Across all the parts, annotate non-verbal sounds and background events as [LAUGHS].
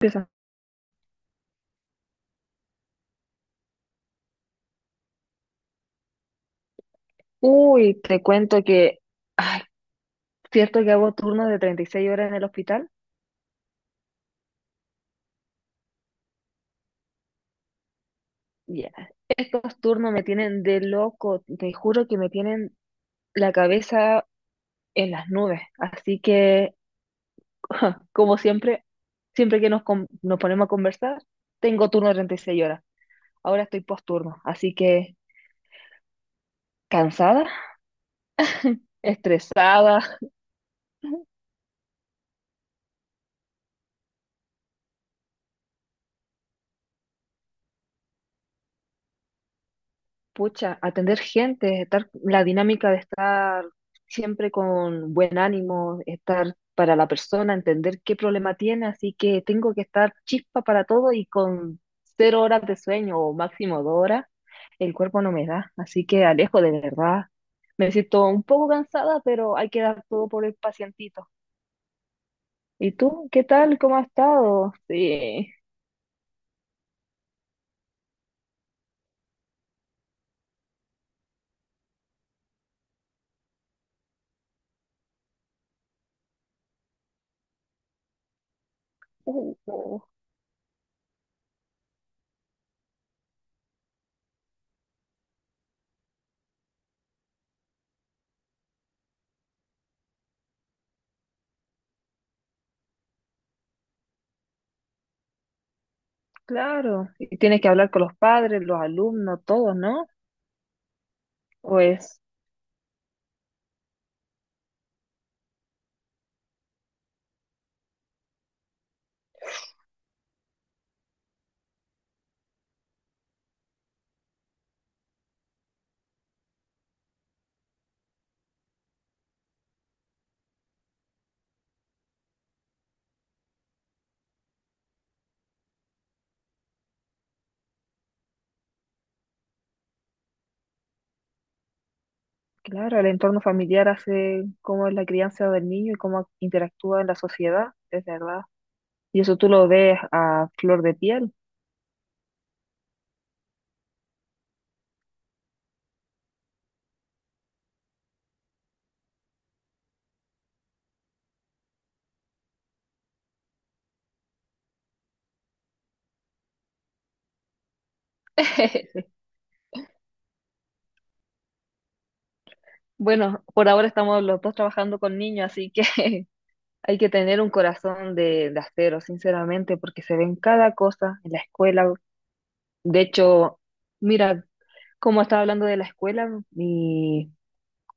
Empieza. Uy, te cuento que, ay, cierto que hago turnos de 36 horas en el hospital. Ya. Estos turnos me tienen de loco, te juro que me tienen la cabeza en las nubes. Así que, [LAUGHS] como siempre, siempre que nos ponemos a conversar, tengo turno de 36 horas. Ahora estoy posturno, así que cansada, estresada. Pucha, atender gente, estar, la dinámica de estar siempre con buen ánimo, estar para la persona, entender qué problema tiene, así que tengo que estar chispa para todo y con 0 horas de sueño o máximo 2 horas, el cuerpo no me da, así que Alejo, de verdad, me siento un poco cansada, pero hay que dar todo por el pacientito. ¿Y tú, qué tal? ¿Cómo has estado? Sí, Uh, uh, claro, y tienes que hablar con los padres, los alumnos, todos, ¿no? Pues. Claro, el entorno familiar hace cómo es la crianza del niño y cómo interactúa en la sociedad, es verdad. Y eso tú lo ves a flor de piel. [LAUGHS] Bueno, por ahora estamos los dos trabajando con niños, así que [LAUGHS] hay que tener un corazón de acero, sinceramente, porque se ven cada cosa en la escuela. De hecho, mira, como estaba hablando de la escuela,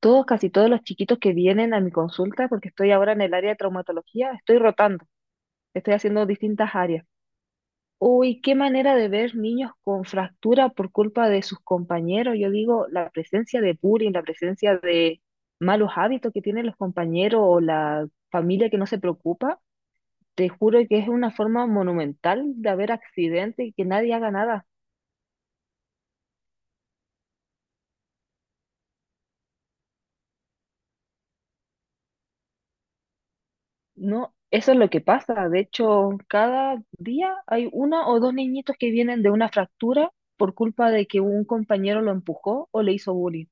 casi todos los chiquitos que vienen a mi consulta, porque estoy ahora en el área de traumatología, estoy rotando, estoy haciendo distintas áreas. Uy, qué manera de ver niños con fractura por culpa de sus compañeros. Yo digo, la presencia de bullying, la presencia de malos hábitos que tienen los compañeros o la familia que no se preocupa, te juro que es una forma monumental de haber accidentes y que nadie haga nada. No, eso es lo que pasa. De hecho, cada día hay una o dos niñitos que vienen de una fractura por culpa de que un compañero lo empujó o le hizo bullying.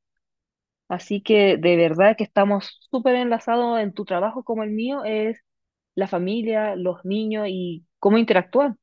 Así que de verdad que estamos súper enlazados en tu trabajo como el mío, es la familia, los niños y cómo interactúan.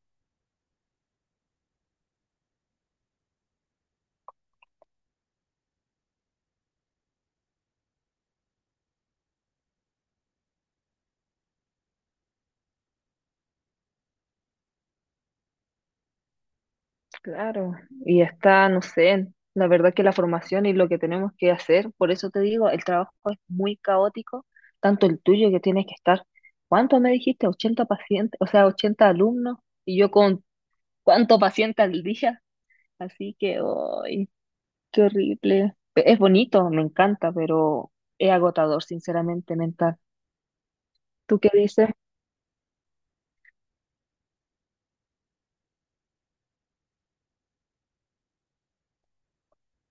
Claro, y está, no sé, la verdad que la formación y lo que tenemos que hacer, por eso te digo, el trabajo es muy caótico, tanto el tuyo que tienes que estar, ¿cuánto me dijiste? 80 pacientes, o sea, 80 alumnos, y yo con cuánto paciente al día, así que, ¡ay, qué horrible! Es bonito, me encanta, pero es agotador, sinceramente, mental. ¿Tú qué dices?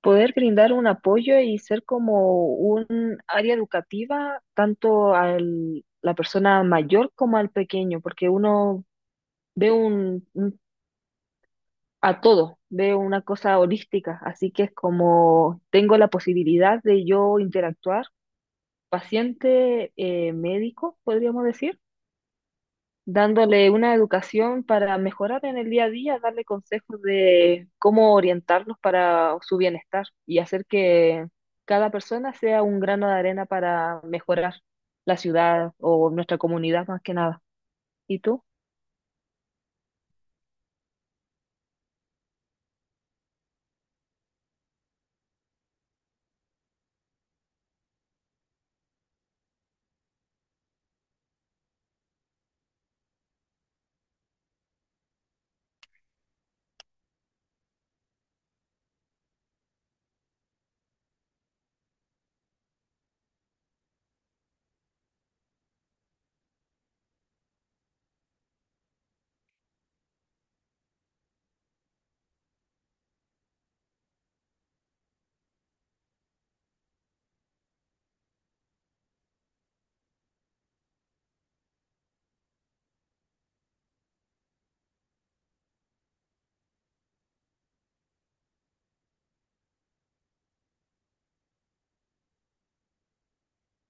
Poder brindar un apoyo y ser como un área educativa tanto a la persona mayor como al pequeño, porque uno ve a todo, ve una cosa holística, así que es como tengo la posibilidad de yo interactuar, paciente médico, podríamos decir dándole una educación para mejorar en el día a día, darle consejos de cómo orientarlos para su bienestar y hacer que cada persona sea un grano de arena para mejorar la ciudad o nuestra comunidad más que nada. ¿Y tú?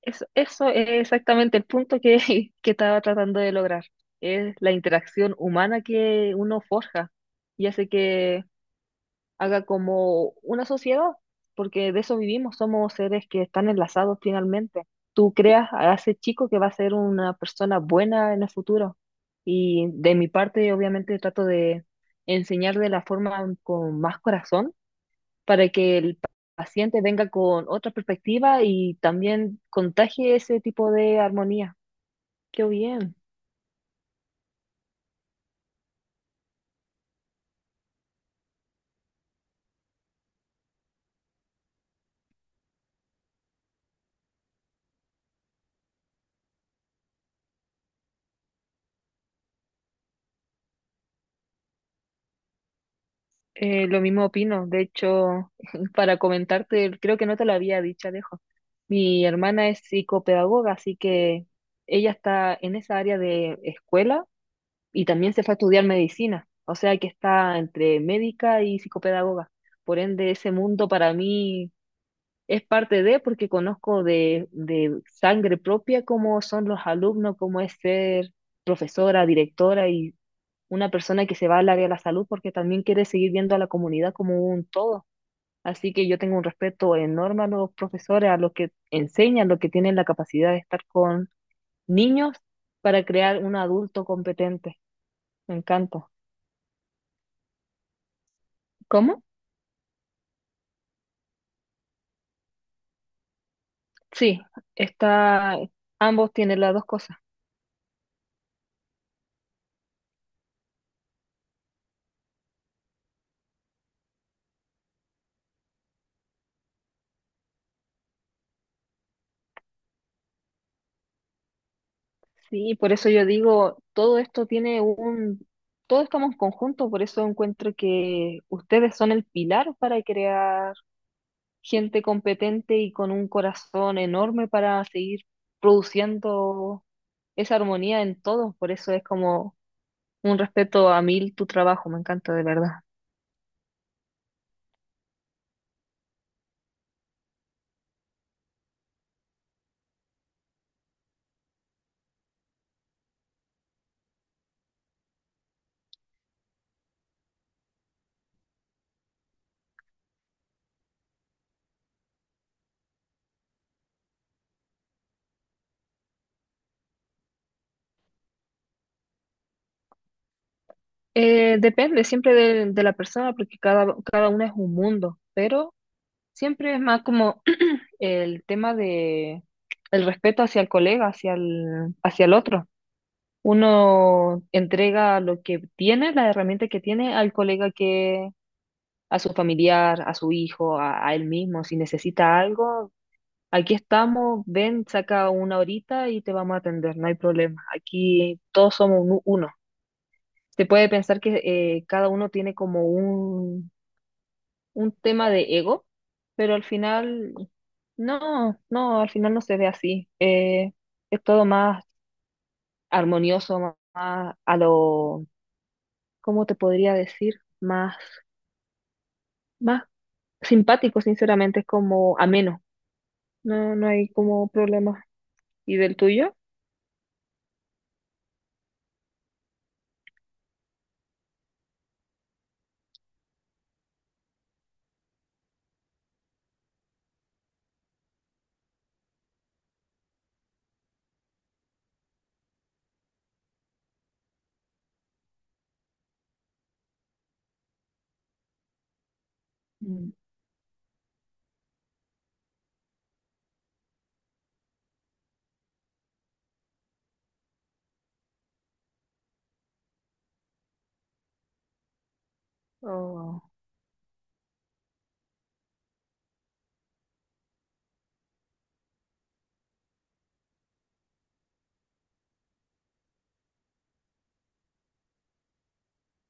Eso es exactamente el punto que, [LAUGHS] que estaba tratando de lograr. Es la interacción humana que uno forja y hace que haga como una sociedad, porque de eso vivimos, somos seres que están enlazados finalmente. Tú creas a ese chico que va a ser una persona buena en el futuro. Y de mi parte, obviamente, trato de enseñar de la forma con más corazón para que el paciente venga con otra perspectiva y también contagie ese tipo de armonía. Qué bien. Lo mismo opino. De hecho, [LAUGHS] para comentarte, creo que no te lo había dicho, Alejo. Mi hermana es psicopedagoga, así que ella está en esa área de escuela y también se fue a estudiar medicina. O sea que está entre médica y psicopedagoga. Por ende, ese mundo para mí es parte de, porque conozco de sangre propia cómo son los alumnos, cómo es ser profesora, directora, una persona que se va al área de la salud porque también quiere seguir viendo a la comunidad como un todo. Así que yo tengo un respeto enorme a los profesores, a los que enseñan, los que tienen la capacidad de estar con niños para crear un adulto competente. Me encanta. ¿Cómo? Sí, está, ambos tienen las dos cosas. Sí, por eso yo digo, todo esto tiene un, todo estamos en conjunto, por eso encuentro que ustedes son el pilar para crear gente competente y con un corazón enorme para seguir produciendo esa armonía en todos. Por eso es como un respeto a mil tu trabajo, me encanta de verdad. Depende siempre de la persona porque cada una es un mundo, pero siempre es más como [CLEARS THROAT] el tema de el respeto hacia el colega, hacia el otro. Uno entrega lo que tiene, la herramienta que tiene al colega, a su familiar, a su hijo, a él mismo. Si necesita algo, aquí estamos, ven, saca una horita y te vamos a atender, no hay problema. Aquí todos somos uno. Se puede pensar que cada uno tiene como un tema de ego, pero al final, no, no, al final no se ve así. Es todo más armonioso, más, más a lo, ¿cómo te podría decir? Más, más simpático, sinceramente, es como ameno. No, no hay como problema. ¿Y del tuyo? Mm. Oh,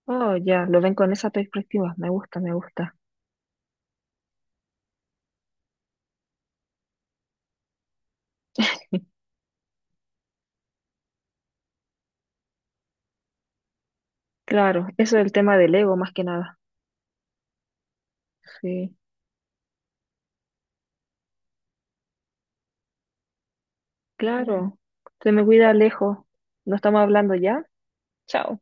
oh, ya, lo ven con esa perspectiva. Me gusta, me gusta. Claro, eso es el tema del ego más que nada. Sí. Mm. Claro. Se me cuida, Alejo. ¿No estamos hablando ya? Chao.